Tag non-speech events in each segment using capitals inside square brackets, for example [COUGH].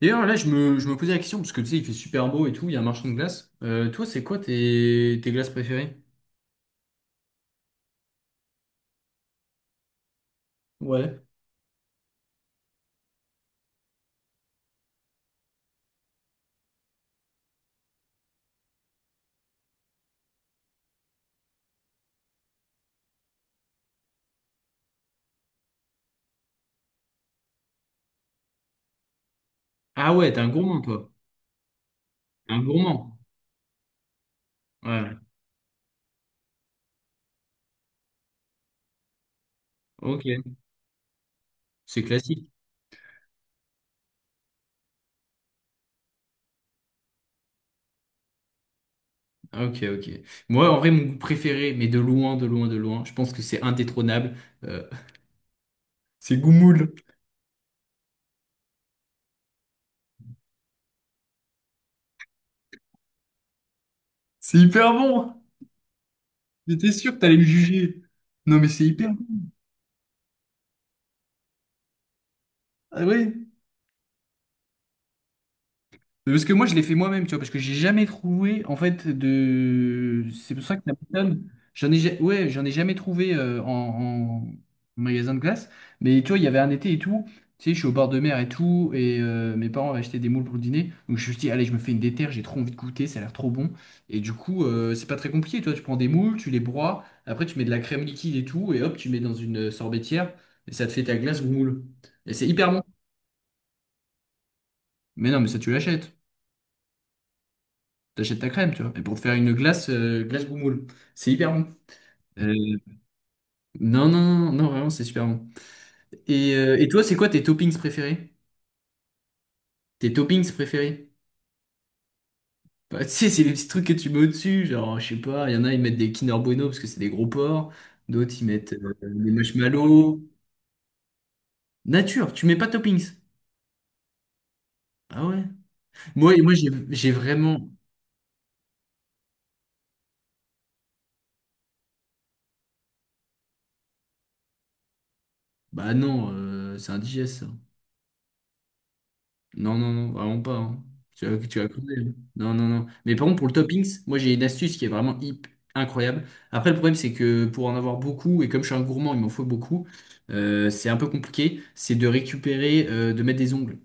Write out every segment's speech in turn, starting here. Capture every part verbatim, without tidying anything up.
D'ailleurs, là, je me, je me posais la question, parce que tu sais, il fait super beau et tout, il y a un marchand de glace. Euh, toi, c'est quoi tes, tes glaces préférées? Ouais. Ah ouais, t'es un gourmand, toi. Un gourmand. Ouais, ok. C'est classique. Ah, ok, ok. Moi, en vrai, mon goût préféré, mais de loin, de loin, de loin, je pense que c'est indétrônable. euh, [LAUGHS] c'est Goumoul. C'est hyper bon. J'étais sûr que t'allais me juger. Non, mais c'est hyper bon. Ah oui. Parce que moi, je l'ai fait moi-même, tu vois, parce que j'ai jamais trouvé, en fait, de. C'est pour ça que la j'en ai, ja- ouais, j'en ai jamais trouvé euh, en, en magasin de glace. Mais tu vois, il y avait un été et tout. Tu sais, je suis au bord de mer et tout, et euh, mes parents avaient acheté des moules pour le dîner. Donc je me suis dit, allez, je me fais une déterre, j'ai trop envie de goûter, ça a l'air trop bon. Et du coup, euh, c'est pas très compliqué, tu vois, tu prends des moules, tu les broies, après tu mets de la crème liquide et tout, et hop, tu mets dans une euh, sorbetière, et ça te fait ta glace aux moules. Et c'est hyper bon. Mais non, mais ça, tu l'achètes. T'achètes ta crème, tu vois. Et pour te faire une glace, euh, glace boumoule. C'est hyper bon. Euh, non, non, non, non, vraiment, c'est super bon. Et, euh, et toi, c'est quoi tes toppings préférés? Tes toppings préférés? Bah, tu sais, c'est les petits trucs que tu mets au-dessus. Genre, je sais pas, il y en a, ils mettent des Kinder Bueno parce que c'est des gros porcs. D'autres, ils mettent euh, des marshmallows. Nature, tu mets pas de toppings. Ah ouais? Moi, moi j'ai j'ai vraiment. Bah non, euh, c'est indigeste. Ça. Non, non, non, vraiment pas, hein. Tu vas, tu vas crever, hein. Non, non, non. Mais par contre, pour le toppings, moi j'ai une astuce qui est vraiment hip, incroyable. Après, le problème, c'est que pour en avoir beaucoup, et comme je suis un gourmand, il m'en faut beaucoup, euh, c'est un peu compliqué. C'est de récupérer, euh, de mettre des ongles.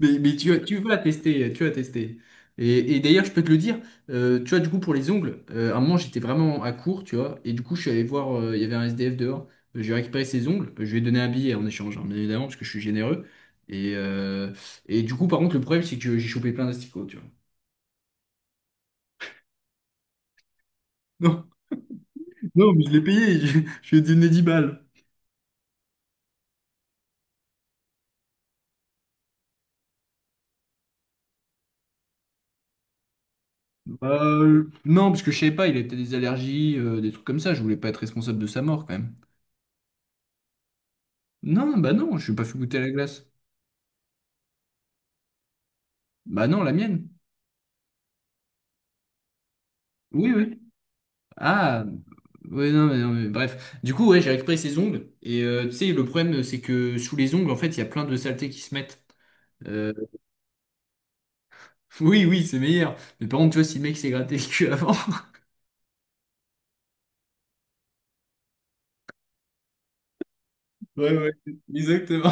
Mais, mais tu, vas- tu vas tester, tu vas tester. Et, et d'ailleurs, je peux te le dire, euh, tu vois, du coup, pour les ongles, euh, à un moment, j'étais vraiment à court, tu vois, et du coup, je suis allé voir, euh, il y avait un S D F dehors. Euh, j'ai récupéré ses ongles, je lui ai donné un billet en échange, hein, bien évidemment, parce que je suis généreux. Et, euh, et du coup, par contre, le problème, c'est que j'ai chopé plein d'asticots, tu vois. [LAUGHS] Non, non, mais je l'ai payé, [LAUGHS] je, je lui ai donné dix balles. Bah, Euh, non, parce que je savais pas, il avait peut-être des allergies, euh, des trucs comme ça, je voulais pas être responsable de sa mort, quand même. Non, bah non, je suis pas fait goûter à la glace. Bah non, la mienne. Oui, oui. Ah, ouais, non, mais, non, mais bref. Du coup, ouais, j'ai récupéré ses ongles. Et euh, tu sais, le problème, c'est que sous les ongles, en fait, il y a plein de saletés qui se mettent. Euh, [LAUGHS] oui, oui, c'est meilleur. Mais par contre, tu vois, si le mec s'est gratté le cul avant. [LAUGHS] Ouais, ouais, exactement.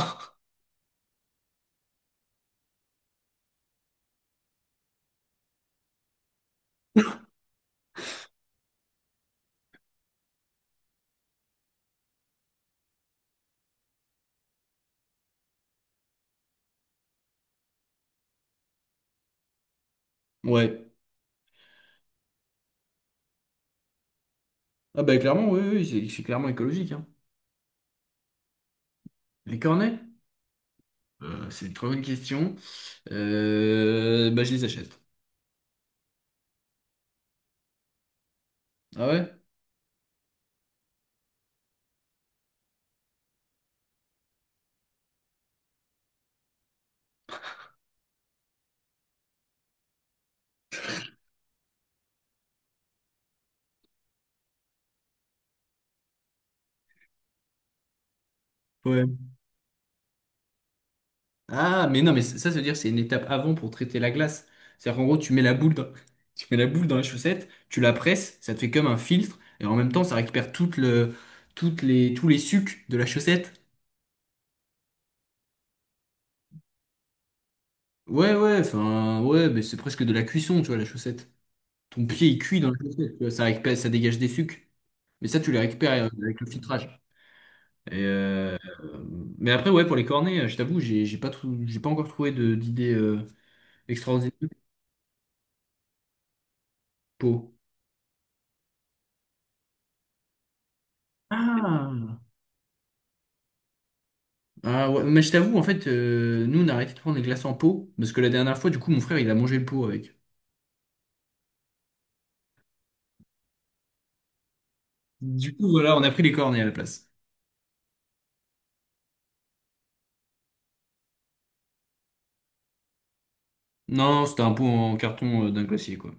Ouais. Ah, bah, clairement, oui, oui, c'est c'est clairement écologique, hein. Les cornets? Euh, c'est une très bonne question. Euh, bah, je les achète. Ah ouais? Ah, mais non, mais ça, ça veut dire que c'est une étape avant pour traiter la glace. C'est-à-dire qu'en gros, tu mets la boule dans, [LAUGHS] tu mets la boule dans la chaussette, tu la presses, ça te fait comme un filtre, et en même temps, ça récupère toute le, toutes les, tous les sucs de la chaussette. Ouais, ouais, enfin, ouais, mais c'est presque de la cuisson, tu vois, la chaussette. Ton pied, il cuit dans la chaussette, tu vois, ça récupère, ça dégage des sucs. Mais ça, tu les récupères euh, avec le filtrage. Et, euh, mais après, ouais, pour les cornets, euh, je t'avoue, j'ai j'ai pas, trou- j'ai pas encore trouvé de- d'idée euh, extraordinaire. Pour... Ah! Ah ouais, mais je t'avoue, en fait, euh, nous, on a arrêté de prendre les glaces en pot, parce que la dernière fois, du coup, mon frère, il a mangé le pot avec. Du coup, voilà, on a pris les cornets à la place. Non, c'était un pot en carton euh, d'un glacier, quoi.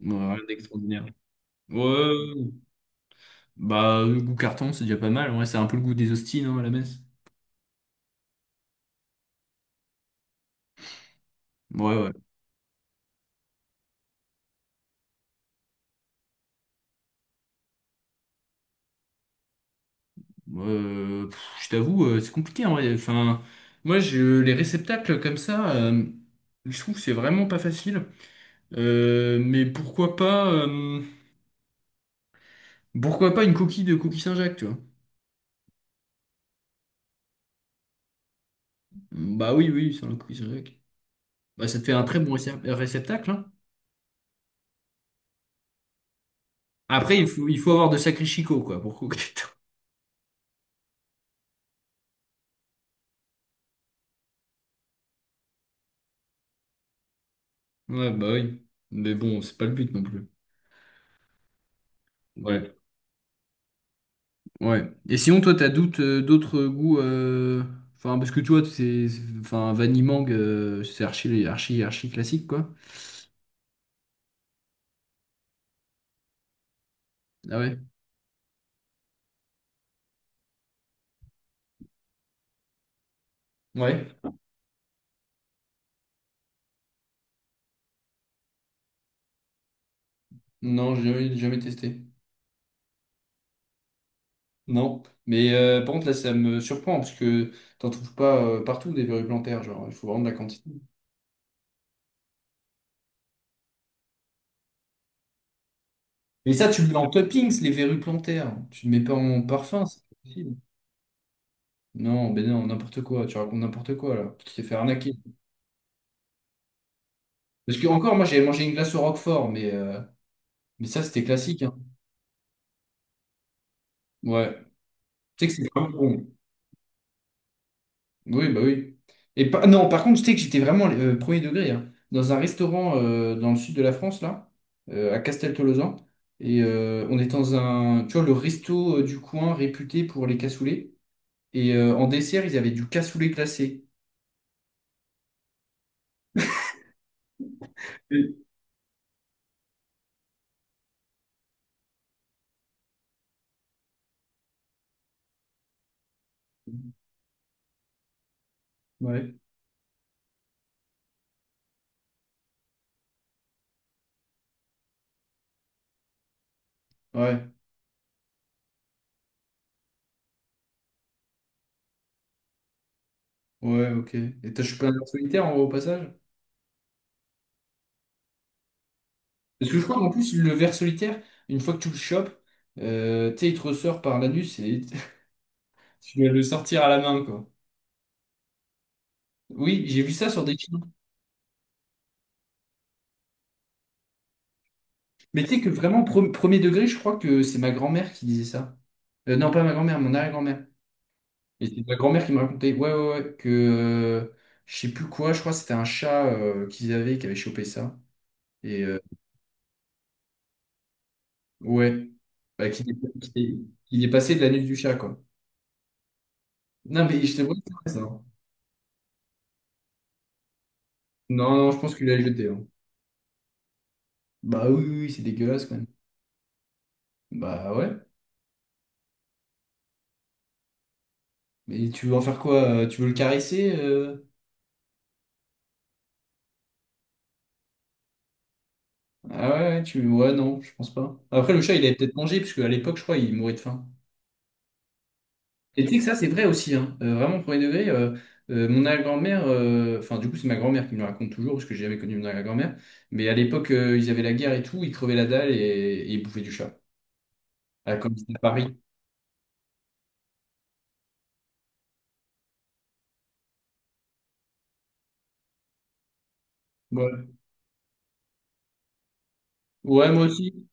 Ouais, rien d'extraordinaire. Ouais, bah, le goût carton, c'est déjà pas mal. Ouais, c'est un peu le goût des hosties, non, à la messe. Ouais, ouais. Euh, pff, je t'avoue, euh, c'est compliqué, en vrai. Enfin, moi, je, les réceptacles comme ça, euh, je trouve que c'est vraiment pas facile. Euh, mais pourquoi pas, euh, pourquoi pas une coquille de coquille Saint-Jacques, tu vois? Bah oui, oui, sur le coup, c'est vrai que- Bah, ça te fait un très bon récep- réceptacle, hein. Après, il faut, il faut avoir de sacrés chicots, quoi, pour couper. [LAUGHS] Ouais, bah oui. Mais bon, c'est pas le but non plus. Ouais, ouais. Et sinon, toi, t'as doute, euh, d'autres goûts. euh, Enfin, parce que toi, c'est. C'est- Enfin, Vanille Mangue, euh, c'est archi, archi, archi classique, quoi. Ah ouais. Ouais. Non, j'ai jamais, jamais testé. Non. Mais euh, par contre, là, ça me surprend, parce que t'en trouves pas euh, partout des verrues plantaires, genre, il faut vraiment de la quantité. Mais ça, tu le mets en toppings, les verrues plantaires. Tu ne mets pas en parfum, c'est pas possible. Non, ben non, n'importe quoi. Tu racontes n'importe quoi, là. Tu t'es fait arnaquer. Parce que, encore, moi, j'avais mangé une glace au Roquefort, mais, euh, mais ça, c'était classique, hein. Ouais. Tu sais que c'est vraiment bon. Oui, bah oui. Et pas non, par contre, tu sais que j'étais vraiment euh, premier degré, hein. Dans un restaurant euh, dans le sud de la France, là, euh, à Casteltolosan. Et euh, on était dans un, tu vois, le resto euh, du coin réputé pour les cassoulets. Et euh, en dessert, ils avaient du cassoulet glacé. Oui. Ouais. Ouais, ouais, ok. Et t'as chopé un ver solitaire en- au passage? Parce que je crois qu'en plus, le ver solitaire, une fois que tu le chopes, euh, tu sais, il te ressort par l'anus et [LAUGHS] tu dois le sortir à la main, quoi. Oui, j'ai vu ça sur des films. Mais tu sais que vraiment, pre- premier degré, je crois que c'est ma grand-mère qui disait ça. Euh, non, pas ma grand-mère, mon arrière-grand-mère. Et c'est ma grand-mère qui me racontait, ouais, ouais, ouais, que euh, je sais plus quoi, je crois que c'était un chat euh, qu'ils avaient qui avait chopé ça. Et euh, ouais, bah, qu'il est, qu'il est qu'il est passé de l'anus du chat, quoi. Non, mais je te vois ça. Non, non, je pense qu'il l'a jeté, hein. Bah oui, oui, oui, c'est dégueulasse quand même. Bah ouais. Mais tu veux en faire quoi? euh, Tu veux le caresser? euh Ah ouais, ouais, tu... ouais, non, je pense pas. Après, le chat, il avait peut-être mangé, puisque à l'époque, je crois, il mourait de faim. Et tu sais que ça, c'est vrai aussi, hein. Euh, vraiment, premier degré, euh, euh, mon arrière-grand-mère, euh, enfin, du coup, c'est ma grand-mère qui me le raconte toujours, parce que j'ai jamais connu mon arrière-grand-mère. Mais à l'époque, euh, ils avaient la guerre et tout, ils crevaient la dalle et, et ils bouffaient du chat. Ah, comme c'était à Paris. Ouais. Ouais, moi aussi.